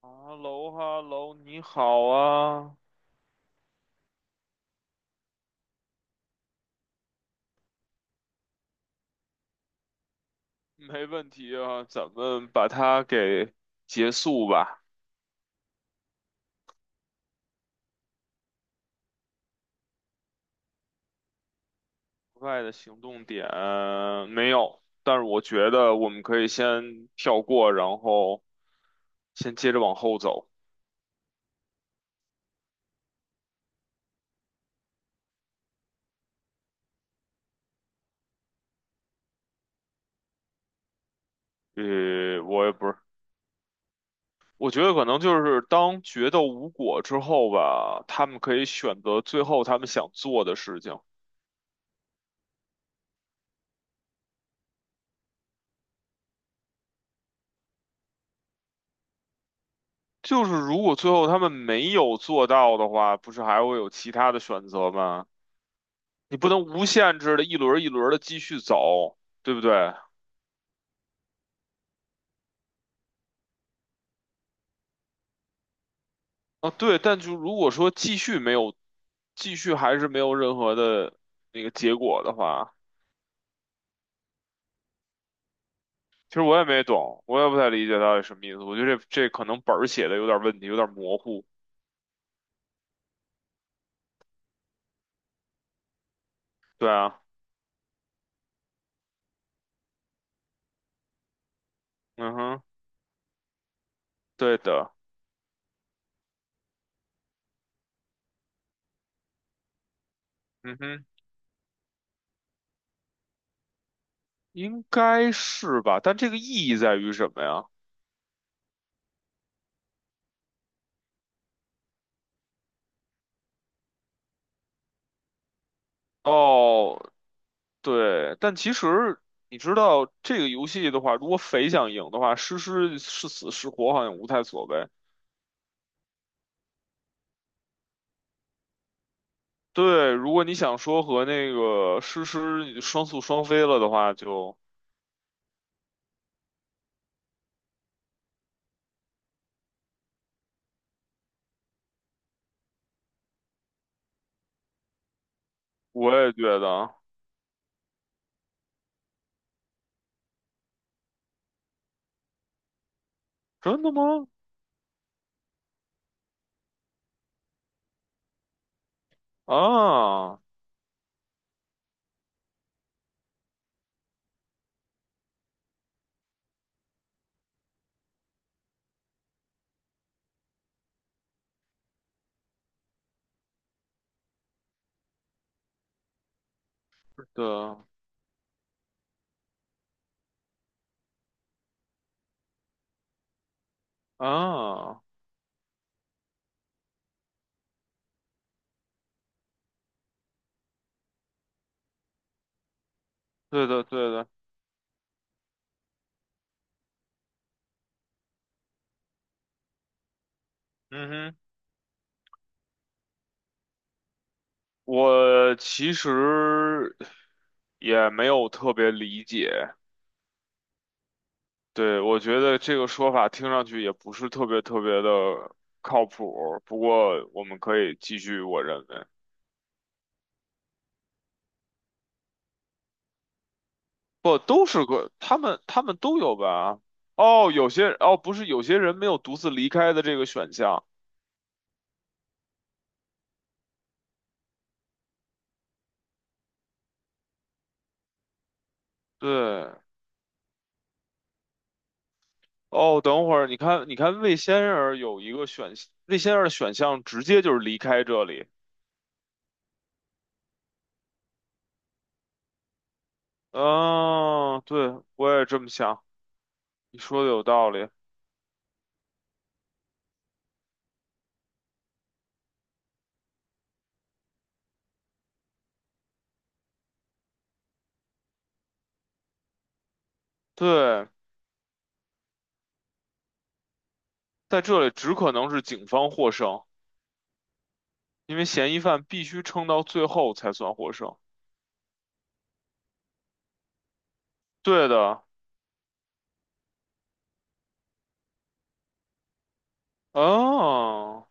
哈喽哈喽，你好啊，没问题啊，咱们把它给结束吧。国外的行动点没有，但是我觉得我们可以先跳过，然后先接着往后走。呃，我也不是，我觉得可能就是当决斗无果之后吧，他们可以选择最后他们想做的事情。就是如果最后他们没有做到的话，不是还会有其他的选择吗？你不能无限制的一轮一轮的继续走，对不对？啊，对，但就如果说继续没有，继续还是没有任何的那个结果的话，其实我也没懂，我也不太理解到底什么意思。我觉得这可能本儿写的有点问题，有点模糊。对啊，嗯哼，对的，嗯哼，应该是吧？但这个意义在于什么呀？哦，对，但其实你知道这个游戏的话，如果匪想赢的话，诗诗是死是活好像无太所谓。对，如果你想说和那个诗诗双宿双飞了的话，就我也觉得真的吗？啊，对啊，对的对的，嗯哼，我其实也没有特别理解，对，我觉得这个说法听上去也不是特别特别的靠谱，不过我们可以继续，我认为。不都是个他们都有吧？哦，有些哦不是有些人没有独自离开的这个选项。对，哦，等会儿你看魏先生有一个选魏先生的选项直接就是离开这里。嗯、对，我也这么想，你说的有道理。对，在这里只可能是警方获胜，因为嫌疑犯必须撑到最后才算获胜。对的，哦。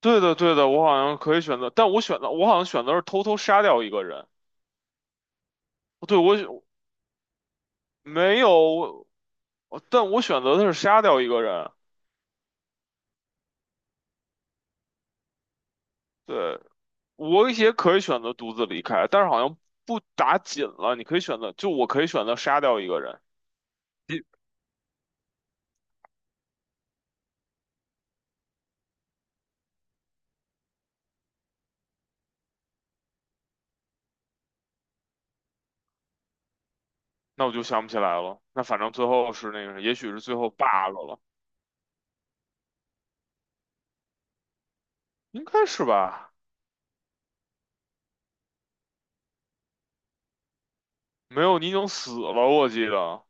对的，对的，我好像可以选择，但我好像选择是偷偷杀掉一个人。对，我选没有，我但我选择的是杀掉一个人。对，我也可以选择独自离开，但是好像不打紧了，你可以选择，就我可以选择杀掉一个人。你那我就想不起来了。那反正最后是那个，也许是最后 bug 了，应该是吧？没有，你已经死了，我记得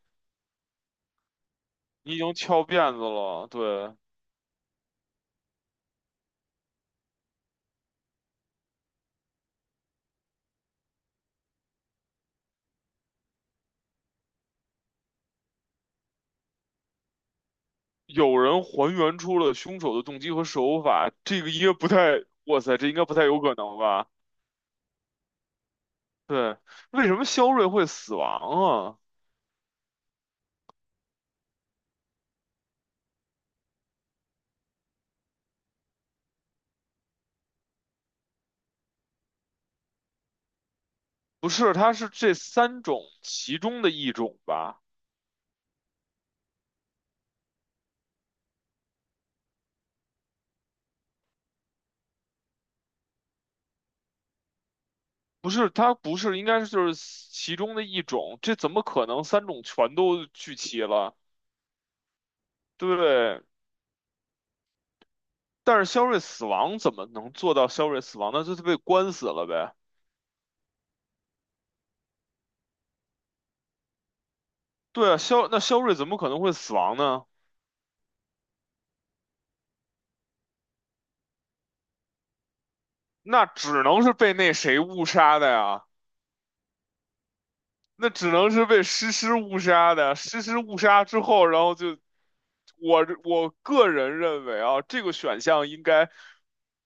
你已经翘辫子了。对，有人还原出了凶手的动机和手法，这个应该不太，哇塞，这应该不太有可能吧？对，为什么肖瑞会死亡啊？不是，他是这三种其中的一种吧？不是，他不是，应该是就是其中的一种，这怎么可能三种全都聚齐了？对不对？但是肖瑞死亡怎么能做到肖瑞死亡呢那就是被关死了呗。对啊，肖，那肖瑞怎么可能会死亡呢？那只能是被那谁误杀的呀？那只能是被诗诗误杀的，诗诗误杀之后，然后就我个人认为啊，这个选项应该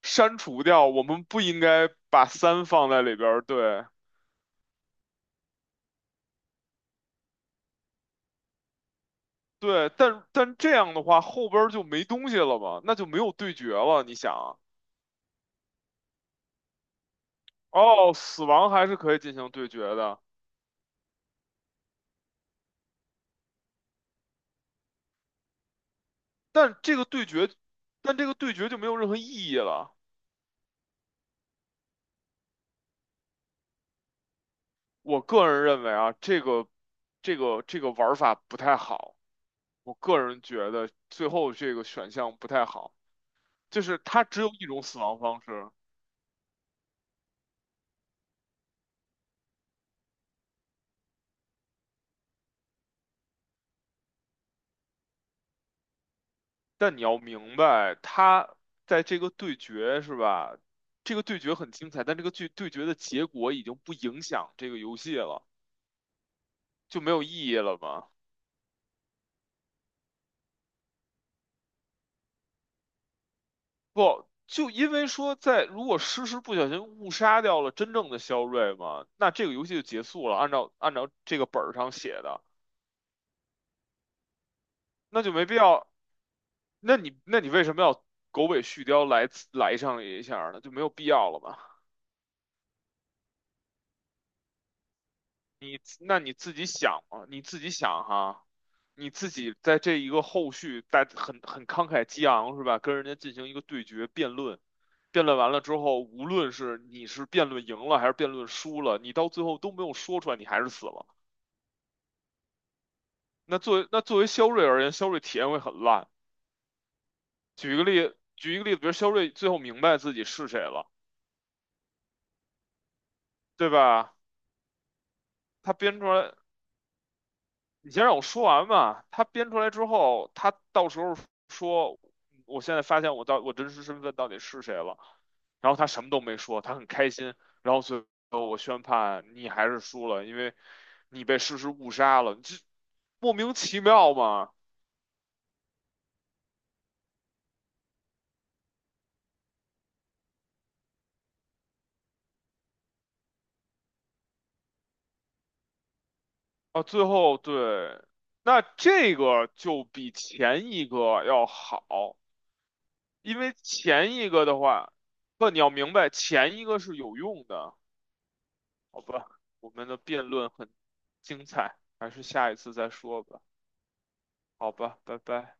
删除掉，我们不应该把三放在里边儿对对，但但这样的话后边儿就没东西了嘛，那就没有对决了，你想啊，哦，死亡还是可以进行对决的，但这个对决，但这个对决就没有任何意义了，我个人认为啊，这个玩法不太好。我个人觉得最后这个选项不太好，就是他只有一种死亡方式，但你要明白，他在这个对决是吧？这个对决很精彩，但这个对对决的结果已经不影响这个游戏了，就没有意义了嘛？不，就因为说在如果诗诗不小心误杀掉了真正的肖瑞嘛，那这个游戏就结束了，按照这个本儿上写的，那就没必要那你那你为什么要狗尾续貂来上一下儿呢？就没有必要了吧？你那你自己想啊，你自己想哈，你自己在这一个后续在很慷慨激昂是吧？跟人家进行一个对决辩论，辩论完了之后，无论是你是辩论赢了还是辩论输了，你到最后都没有说出来，你还是死了。那作为肖瑞而言，肖瑞体验会很烂。举一个例子，比如肖瑞最后明白自己是谁了，对吧？他编出来。你先让我说完嘛。他编出来之后，他到时候说，我现在发现我真实身份到底是谁了。然后他什么都没说，他很开心。然后最后我宣判你还是输了，因为你被事实误杀了，你这莫名其妙嘛。啊，最后对，那这个就比前一个要好，因为前一个的话，不，你要明白，前一个是有用的。好吧，我们的辩论很精彩，还是下一次再说吧。好吧，拜拜。